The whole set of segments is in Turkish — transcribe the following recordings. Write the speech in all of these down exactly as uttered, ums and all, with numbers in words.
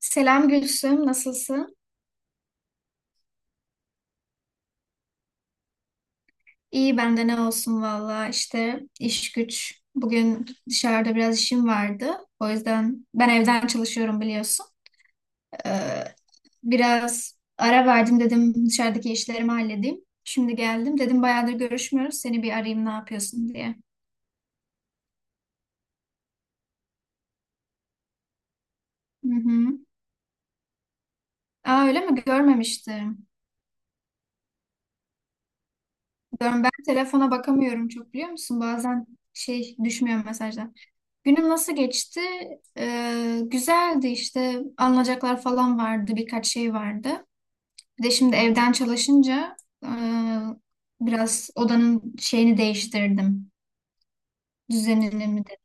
Selam Gülsüm, nasılsın? İyi bende ne olsun valla işte iş güç. Bugün dışarıda biraz işim vardı. O yüzden ben evden çalışıyorum biliyorsun. Ee, Biraz ara verdim dedim dışarıdaki işlerimi halledeyim. Şimdi geldim dedim bayağıdır görüşmüyoruz seni bir arayayım ne yapıyorsun diye. Hı hı. Aa, öyle mi? Görmemiştim. Gör- Ben telefona bakamıyorum çok biliyor musun? Bazen şey düşmüyor mesajlar. Günüm nasıl geçti? Ee, güzeldi işte alınacaklar falan vardı birkaç şey vardı. Bir de şimdi evden çalışınca e, biraz odanın şeyini değiştirdim. Düzenini mi de.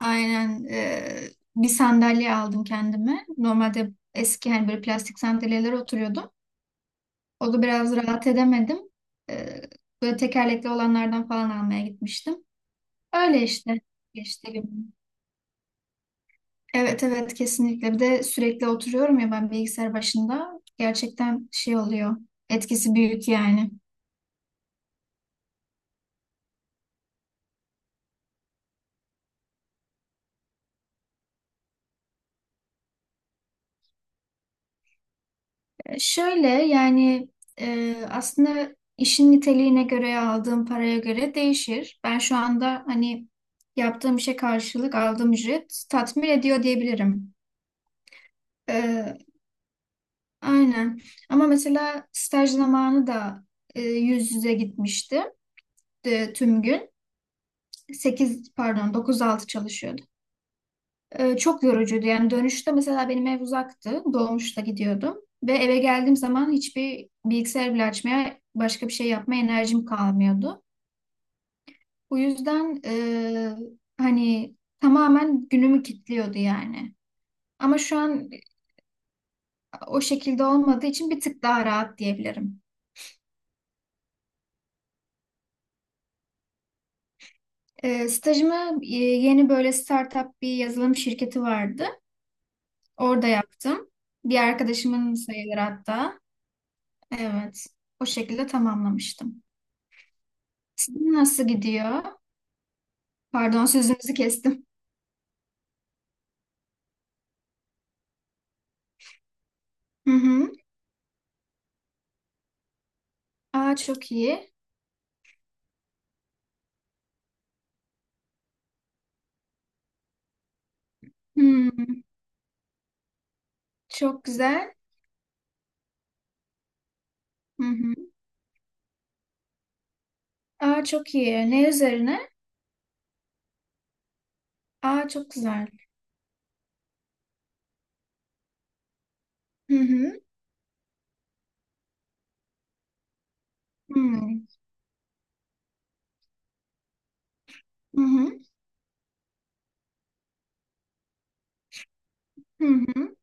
Aynen, e, bir sandalye aldım kendime. Normalde eski hani böyle plastik sandalyelere oturuyordum. O da biraz rahat edemedim. E, Böyle tekerlekli olanlardan falan almaya gitmiştim. Öyle işte geçti. Gibi. Evet evet kesinlikle. Bir de sürekli oturuyorum ya ben bilgisayar başında. Gerçekten şey oluyor. Etkisi büyük yani. E, Şöyle yani e, aslında işin niteliğine göre aldığım paraya göre değişir. Ben şu anda hani yaptığım işe karşılık aldığım ücret tatmin ediyor diyebilirim. E, aynen. Ama mesela staj zamanı da e, yüz yüze gitmişti e, tüm gün. Sekiz pardon dokuz altı çalışıyordum. Ee, çok yorucuydu. Yani dönüşte mesela benim ev uzaktı. Dolmuşta gidiyordum. Ve eve geldiğim zaman hiçbir bilgisayar bile açmaya, başka bir şey yapmaya enerjim kalmıyordu. Bu yüzden e, hani tamamen günümü kilitliyordu yani. Ama şu an o şekilde olmadığı için bir tık daha rahat diyebilirim. Ee, stajımı, e, yeni böyle startup bir yazılım şirketi vardı. Orada yaptım. Bir arkadaşımın sayılır hatta. Evet. O şekilde tamamlamıştım. Sizin nasıl gidiyor? Pardon sözünüzü kestim. Hı hı. Aa, çok iyi. Hmm, çok güzel. Hı hı. Aa, çok iyi. Ne üzerine? Aa, çok güzel. Hı hı. Hmm. Hı hı. Hı hı.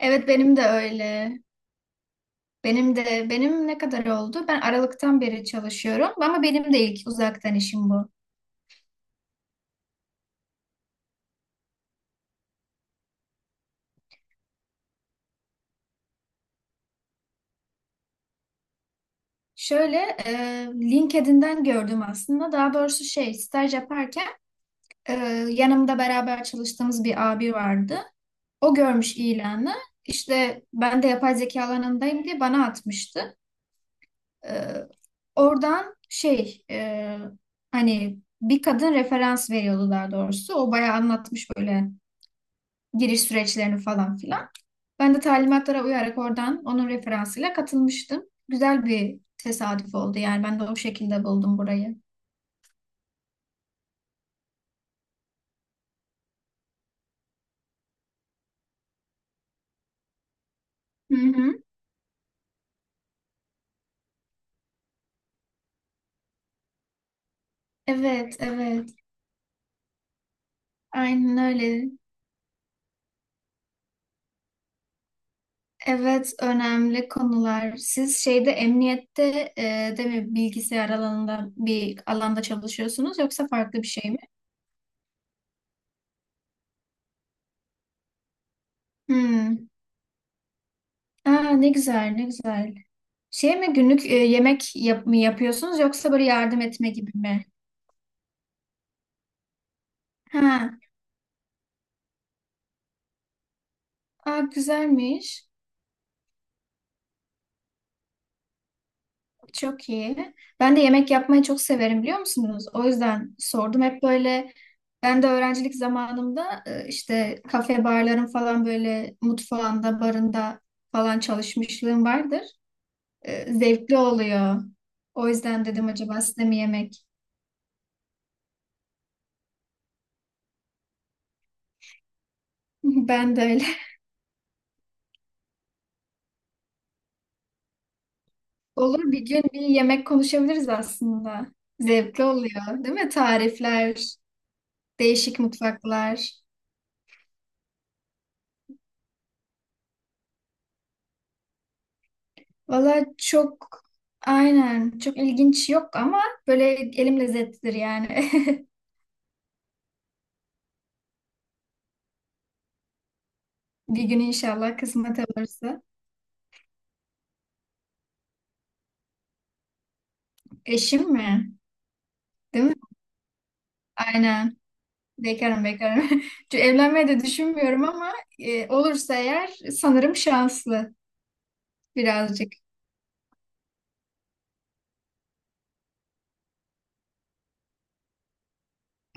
Evet, benim de öyle. Benim de benim ne kadar oldu? Ben Aralık'tan beri çalışıyorum ama benim de ilk uzaktan işim bu. Şöyle, e, LinkedIn'den gördüm aslında. Daha doğrusu şey staj yaparken e, yanımda beraber çalıştığımız bir abi vardı. O görmüş ilanı. İşte ben de yapay zeka alanındayım diye bana atmıştı. Ee, Oradan şey, e, hani bir kadın referans veriyordu daha doğrusu. O bayağı anlatmış böyle giriş süreçlerini falan filan. Ben de talimatlara uyarak oradan onun referansıyla katılmıştım. Güzel bir tesadüf oldu yani ben de o şekilde buldum burayı. Hı hı. Evet, evet. Aynen öyle. Evet, önemli konular. Siz şeyde emniyette e, de mi bilgisayar alanında bir alanda çalışıyorsunuz yoksa farklı bir şey mi? Hmm. Aa, ne güzel, ne güzel. Şey mi günlük e, yemek yap mı yapıyorsunuz yoksa böyle yardım etme gibi mi? Ha, aa, güzelmiş. Çok iyi. Ben de yemek yapmayı çok severim biliyor musunuz? O yüzden sordum. Hep böyle ben de öğrencilik zamanımda e, işte kafe barların falan böyle mutfağında, barında falan çalışmışlığım vardır. E, Zevkli oluyor. O yüzden dedim acaba size mi yemek? Ben de öyle. Olur, bir gün bir yemek konuşabiliriz aslında. Zevkli oluyor, değil mi? Tarifler, değişik mutfaklar. Valla çok aynen çok ilginç yok ama böyle elim lezzetlidir yani. Bir gün inşallah kısmet olursa. Eşim mi? Değil mi? Aynen. Bekarım bekarım. Çünkü evlenmeyi de düşünmüyorum ama e, olursa eğer sanırım şanslı birazcık.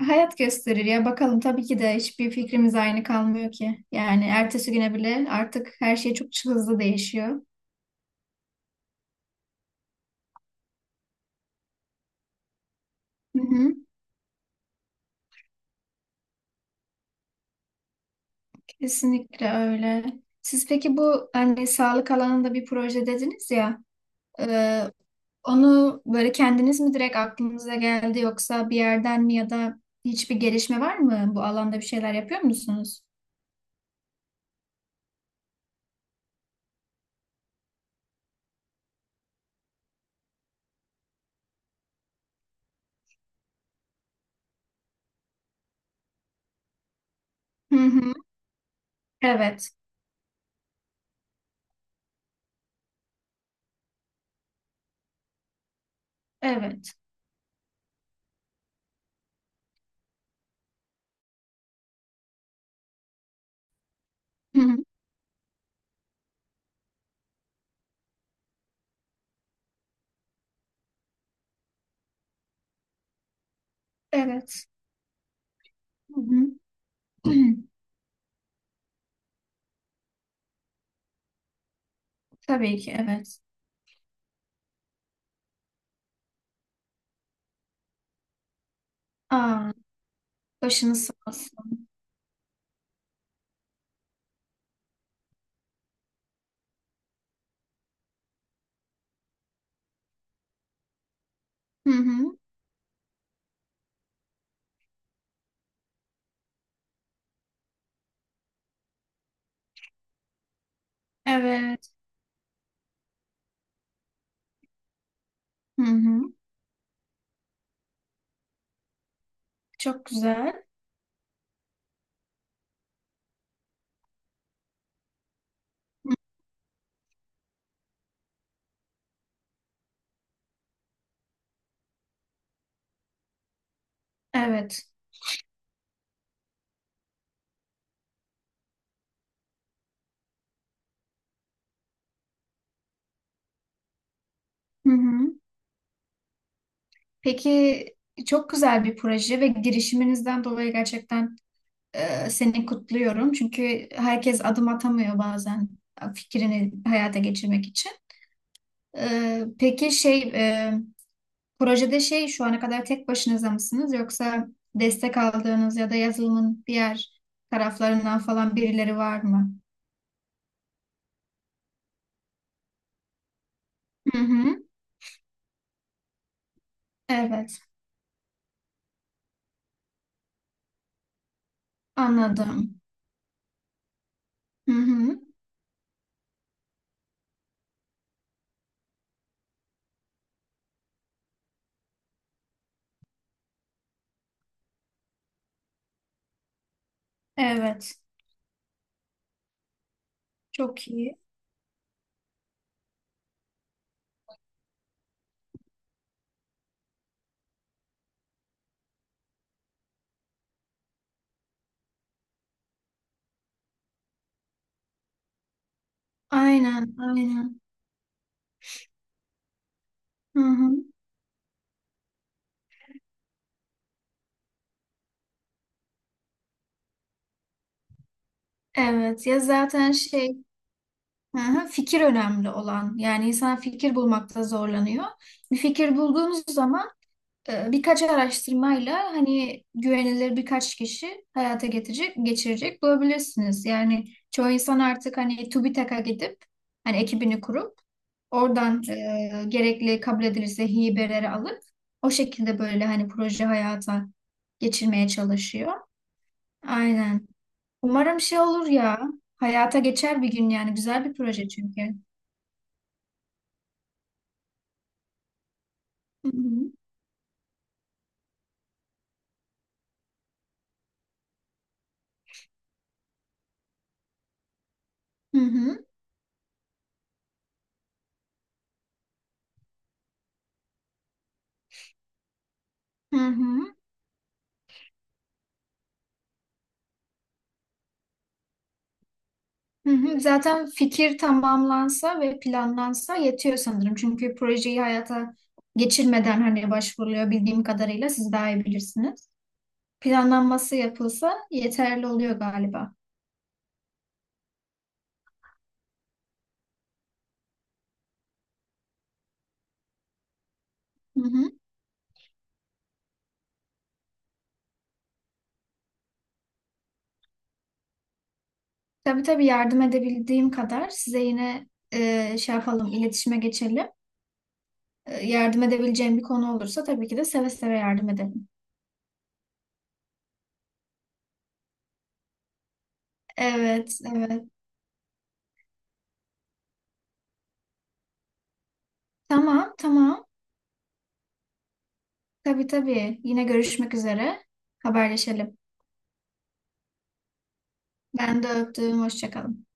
Hayat gösterir ya bakalım tabii ki de hiçbir fikrimiz aynı kalmıyor ki. Yani ertesi güne bile artık her şey çok hızlı değişiyor. Hı hı. Kesinlikle öyle. Siz peki bu hani sağlık alanında bir proje dediniz ya, e, onu böyle kendiniz mi direkt aklınıza geldi yoksa bir yerden mi, ya da hiçbir gelişme var mı? Bu alanda bir şeyler yapıyor musunuz? Hı hı. Evet, evet. Hı hı. Evet. Hı hı. Tabii ki evet. Aa, başınız sağ olsun. Hı hı. Evet. Hı hı. Çok güzel. Hı. Evet. Hı hı. Peki çok güzel bir proje ve girişiminizden dolayı gerçekten e, seni kutluyorum. Çünkü herkes adım atamıyor bazen fikrini hayata geçirmek için. E, peki şey, e, projede şey şu ana kadar tek başınıza mısınız yoksa destek aldığınız ya da yazılımın diğer taraflarından falan birileri var mı? Hı hı. Evet, anladım. Hı hı. Evet, çok iyi. Aynen, aynen. Hı hı. Evet ya zaten şey. Hı hı, fikir önemli olan. Yani insan fikir bulmakta zorlanıyor. Bir fikir bulduğunuz zaman e, birkaç araştırmayla hani güvenilir birkaç kişi hayata getirecek, geçirecek bulabilirsiniz. Yani çoğu insan artık hani TÜBİTAK'a gidip hani ekibini kurup oradan e, gerekli kabul edilirse hibeleri alıp o şekilde böyle hani proje hayata geçirmeye çalışıyor. Aynen. Umarım şey olur ya. Hayata geçer bir gün yani. Güzel bir proje çünkü. Hı hı. Hı hı. Hı hı. Hı hı. Zaten fikir tamamlansa ve planlansa yetiyor sanırım. Çünkü projeyi hayata geçirmeden hani başvuruluyor bildiğim kadarıyla, siz daha iyi bilirsiniz. Planlanması yapılsa yeterli oluyor galiba. Hı hı. Tabii tabii yardım edebildiğim kadar size yine e, şey yapalım, iletişime geçelim. E, yardım edebileceğim bir konu olursa tabii ki de seve seve yardım edelim. Evet, evet. Tamam, tamam. Tabii tabii. Yine görüşmek üzere. Haberleşelim. Ben de öptüm. Hoşça kalın.